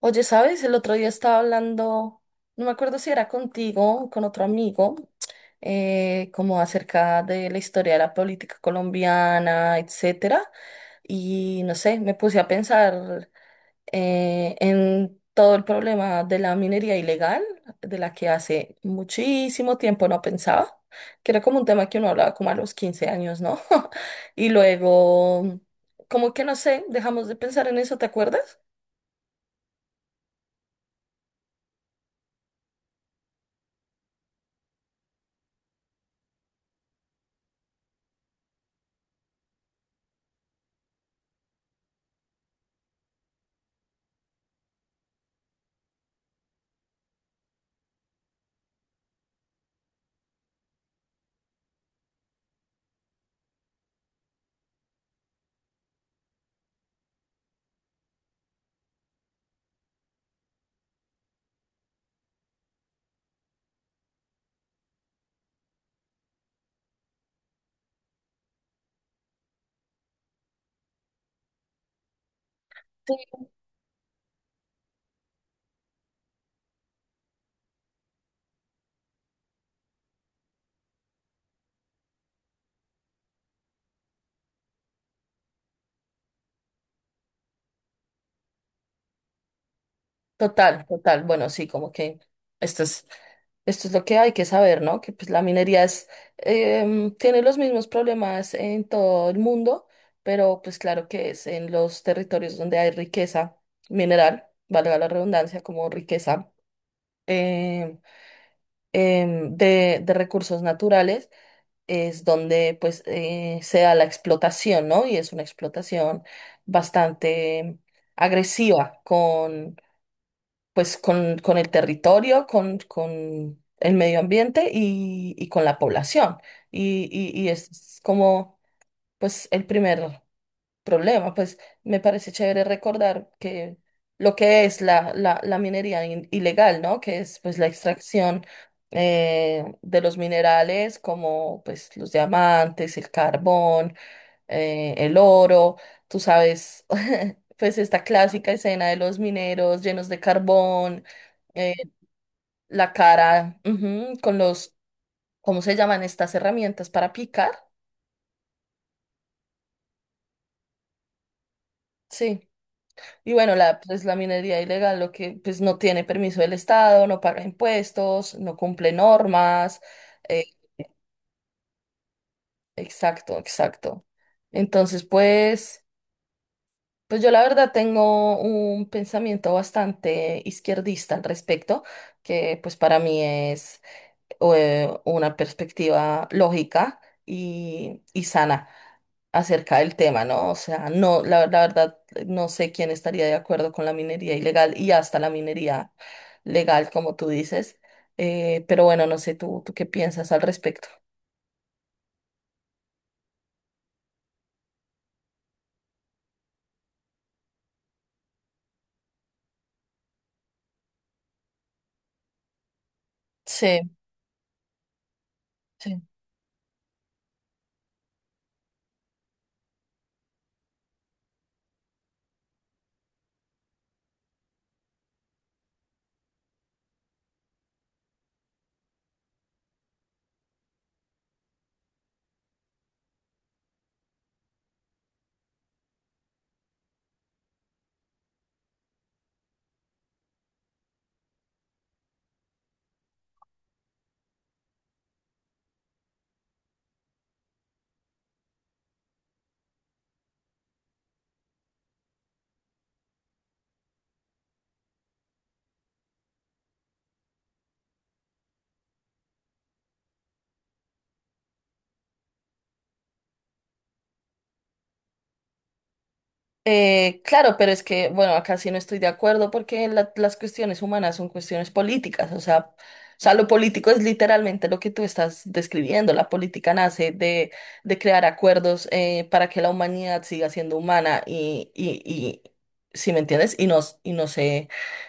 Oye, ¿sabes? El otro día estaba hablando, no me acuerdo si era contigo o con otro amigo, como acerca de la historia de la política colombiana, etcétera. Y no sé, me puse a pensar en todo el problema de la minería ilegal, de la que hace muchísimo tiempo no pensaba, que era como un tema que uno hablaba como a los 15 años, ¿no? Y luego, como que no sé, dejamos de pensar en eso, ¿te acuerdas? Total, total. Bueno, sí, como que esto es, esto es lo que hay que saber, ¿no? Que pues la minería tiene los mismos problemas en todo el mundo, pero pues claro que es en los territorios donde hay riqueza mineral, valga la redundancia, como riqueza em, de recursos naturales, es donde pues se da la explotación, ¿no? Y es una explotación bastante agresiva pues con el territorio, con el medio ambiente y con la población. Y es como pues el primer problema. Pues me parece chévere recordar que lo que es la ilegal, ¿no? Que es pues la extracción de los minerales como pues los diamantes, el carbón, el oro, tú sabes. Pues esta clásica escena de los mineros llenos de carbón, la cara, ujú, con los, ¿cómo se llaman estas herramientas para picar? Sí. Y bueno, pues la minería ilegal, lo que pues no tiene permiso del Estado, no paga impuestos, no cumple normas. eh, exacto, exacto. Entonces, pues, pues yo la verdad tengo un pensamiento bastante izquierdista al respecto, que pues para mí una perspectiva lógica y sana acerca del tema, ¿no? O sea, no, la verdad, no sé quién estaría de acuerdo con la minería ilegal y hasta la minería legal, como tú dices. Pero bueno, no sé, tú qué piensas al respecto. Sí, sí. Claro, pero es que, bueno, acá sí no estoy de acuerdo porque las cuestiones humanas son cuestiones políticas, o sea, lo político es literalmente lo que tú estás describiendo. La política nace de crear acuerdos para que la humanidad siga siendo humana y si me entiendes, y no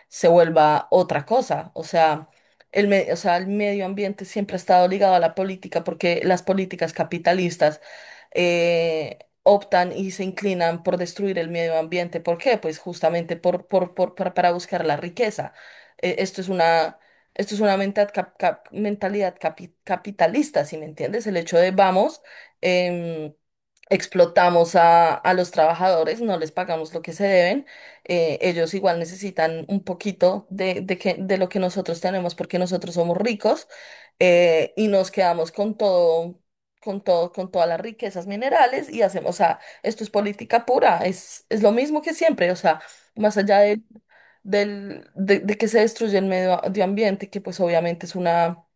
se vuelva otra cosa. O sea, el medio ambiente siempre ha estado ligado a la política porque las políticas capitalistas optan y se inclinan por destruir el medio ambiente. ¿Por qué? Pues justamente para buscar la riqueza. Eh, esto es una, esto es una capitalista, ¿si me entiendes? El hecho de vamos, em, explotamos a los trabajadores, no les pagamos lo que se deben, ellos igual necesitan un poquito de lo que nosotros tenemos porque nosotros somos ricos y nos quedamos con todo con todo, con todas las riquezas minerales y hacemos, o sea, esto es política pura, es lo mismo que siempre, o sea, más allá de, de que se destruye el medio ambiente, que pues obviamente es una, o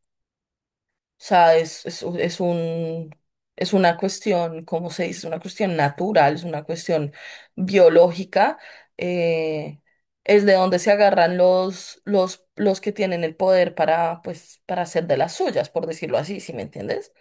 sea, es un, es una cuestión, ¿cómo se dice? Es una cuestión natural, es una cuestión biológica, eh, es de donde se agarran los que tienen el poder para, pues, para hacer de las suyas, por decirlo así, ¿sí me entiendes?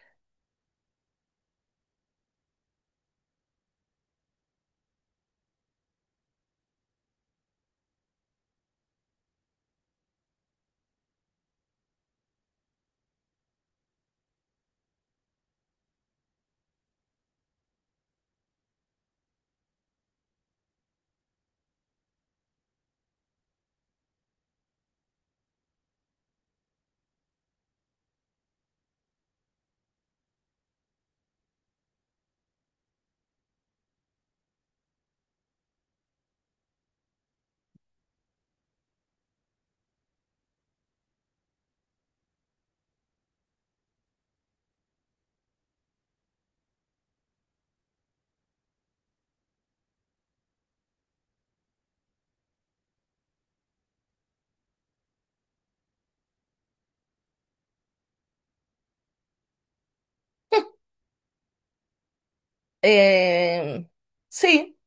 Eh, sí,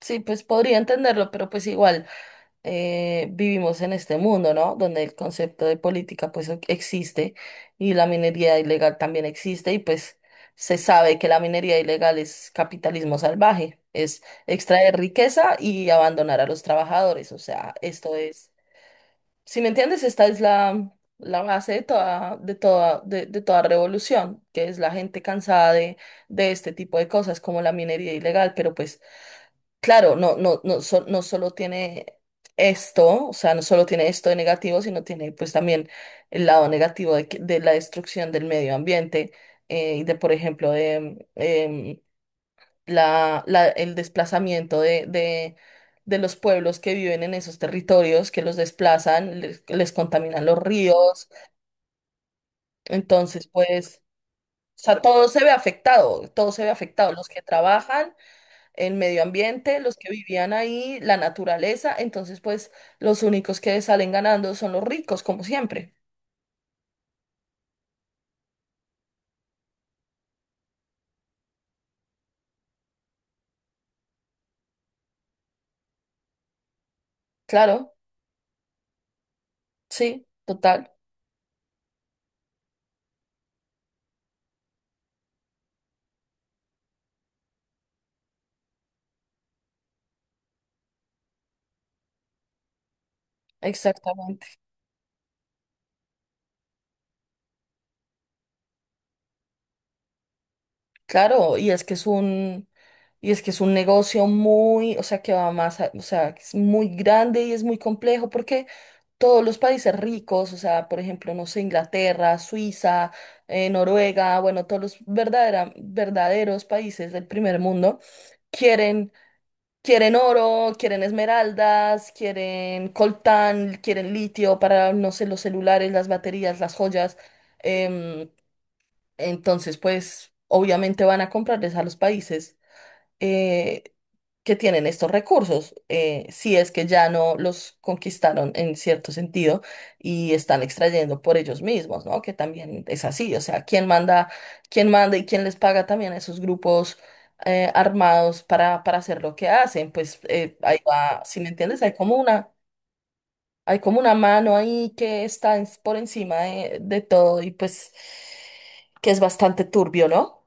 sí, pues podría entenderlo, pero pues igual vivimos en este mundo, ¿no? Donde el concepto de política pues existe y la minería ilegal también existe y pues se sabe que la minería ilegal es capitalismo salvaje, es extraer riqueza y abandonar a los trabajadores, o sea, esto es si me entiendes, esta es la base de toda, de toda revolución, que es la gente cansada de este tipo de cosas, como la minería ilegal, pero pues claro, no solo tiene esto, o sea, no solo tiene esto de negativo, sino tiene pues también el lado negativo de, de la destrucción del medio ambiente y de, por ejemplo, el desplazamiento de los pueblos que viven en esos territorios, que los desplazan, les contaminan los ríos. Entonces, pues, o sea, todo se ve afectado, todo se ve afectado, los que trabajan, en medio ambiente, los que vivían ahí, la naturaleza. Entonces, pues, los únicos que salen ganando son los ricos, como siempre. Claro, sí, total, exactamente. Claro, y es que es un, y es que es un negocio muy, o sea, que va más, o sea, que es muy grande y es muy complejo porque todos los países ricos, o sea, por ejemplo, no sé, Inglaterra, Suiza, Noruega, bueno, todos los verdaderos países del primer mundo quieren, quieren oro, quieren esmeraldas, quieren coltán, quieren litio para, no sé, los celulares, las baterías, las joyas. em, entonces, pues obviamente van a comprarles a los países eh, que tienen estos recursos, si es que ya no los conquistaron en cierto sentido y están extrayendo por ellos mismos, ¿no? Que también es así, o sea, ¿quién manda y quién les paga también a esos grupos armados para hacer lo que hacen? Pues ahí va, si me entiendes, hay como una mano ahí que está por encima de todo y pues que es bastante turbio, ¿no?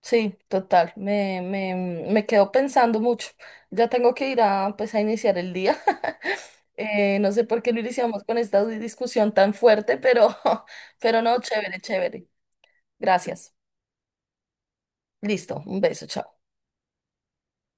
Sí, total. Me quedo pensando mucho. Ya tengo que ir a, pues, a iniciar el día. No sé por qué lo iniciamos con esta discusión tan fuerte, pero, pero no, chévere, chévere. Gracias. Listo. Un beso, chao.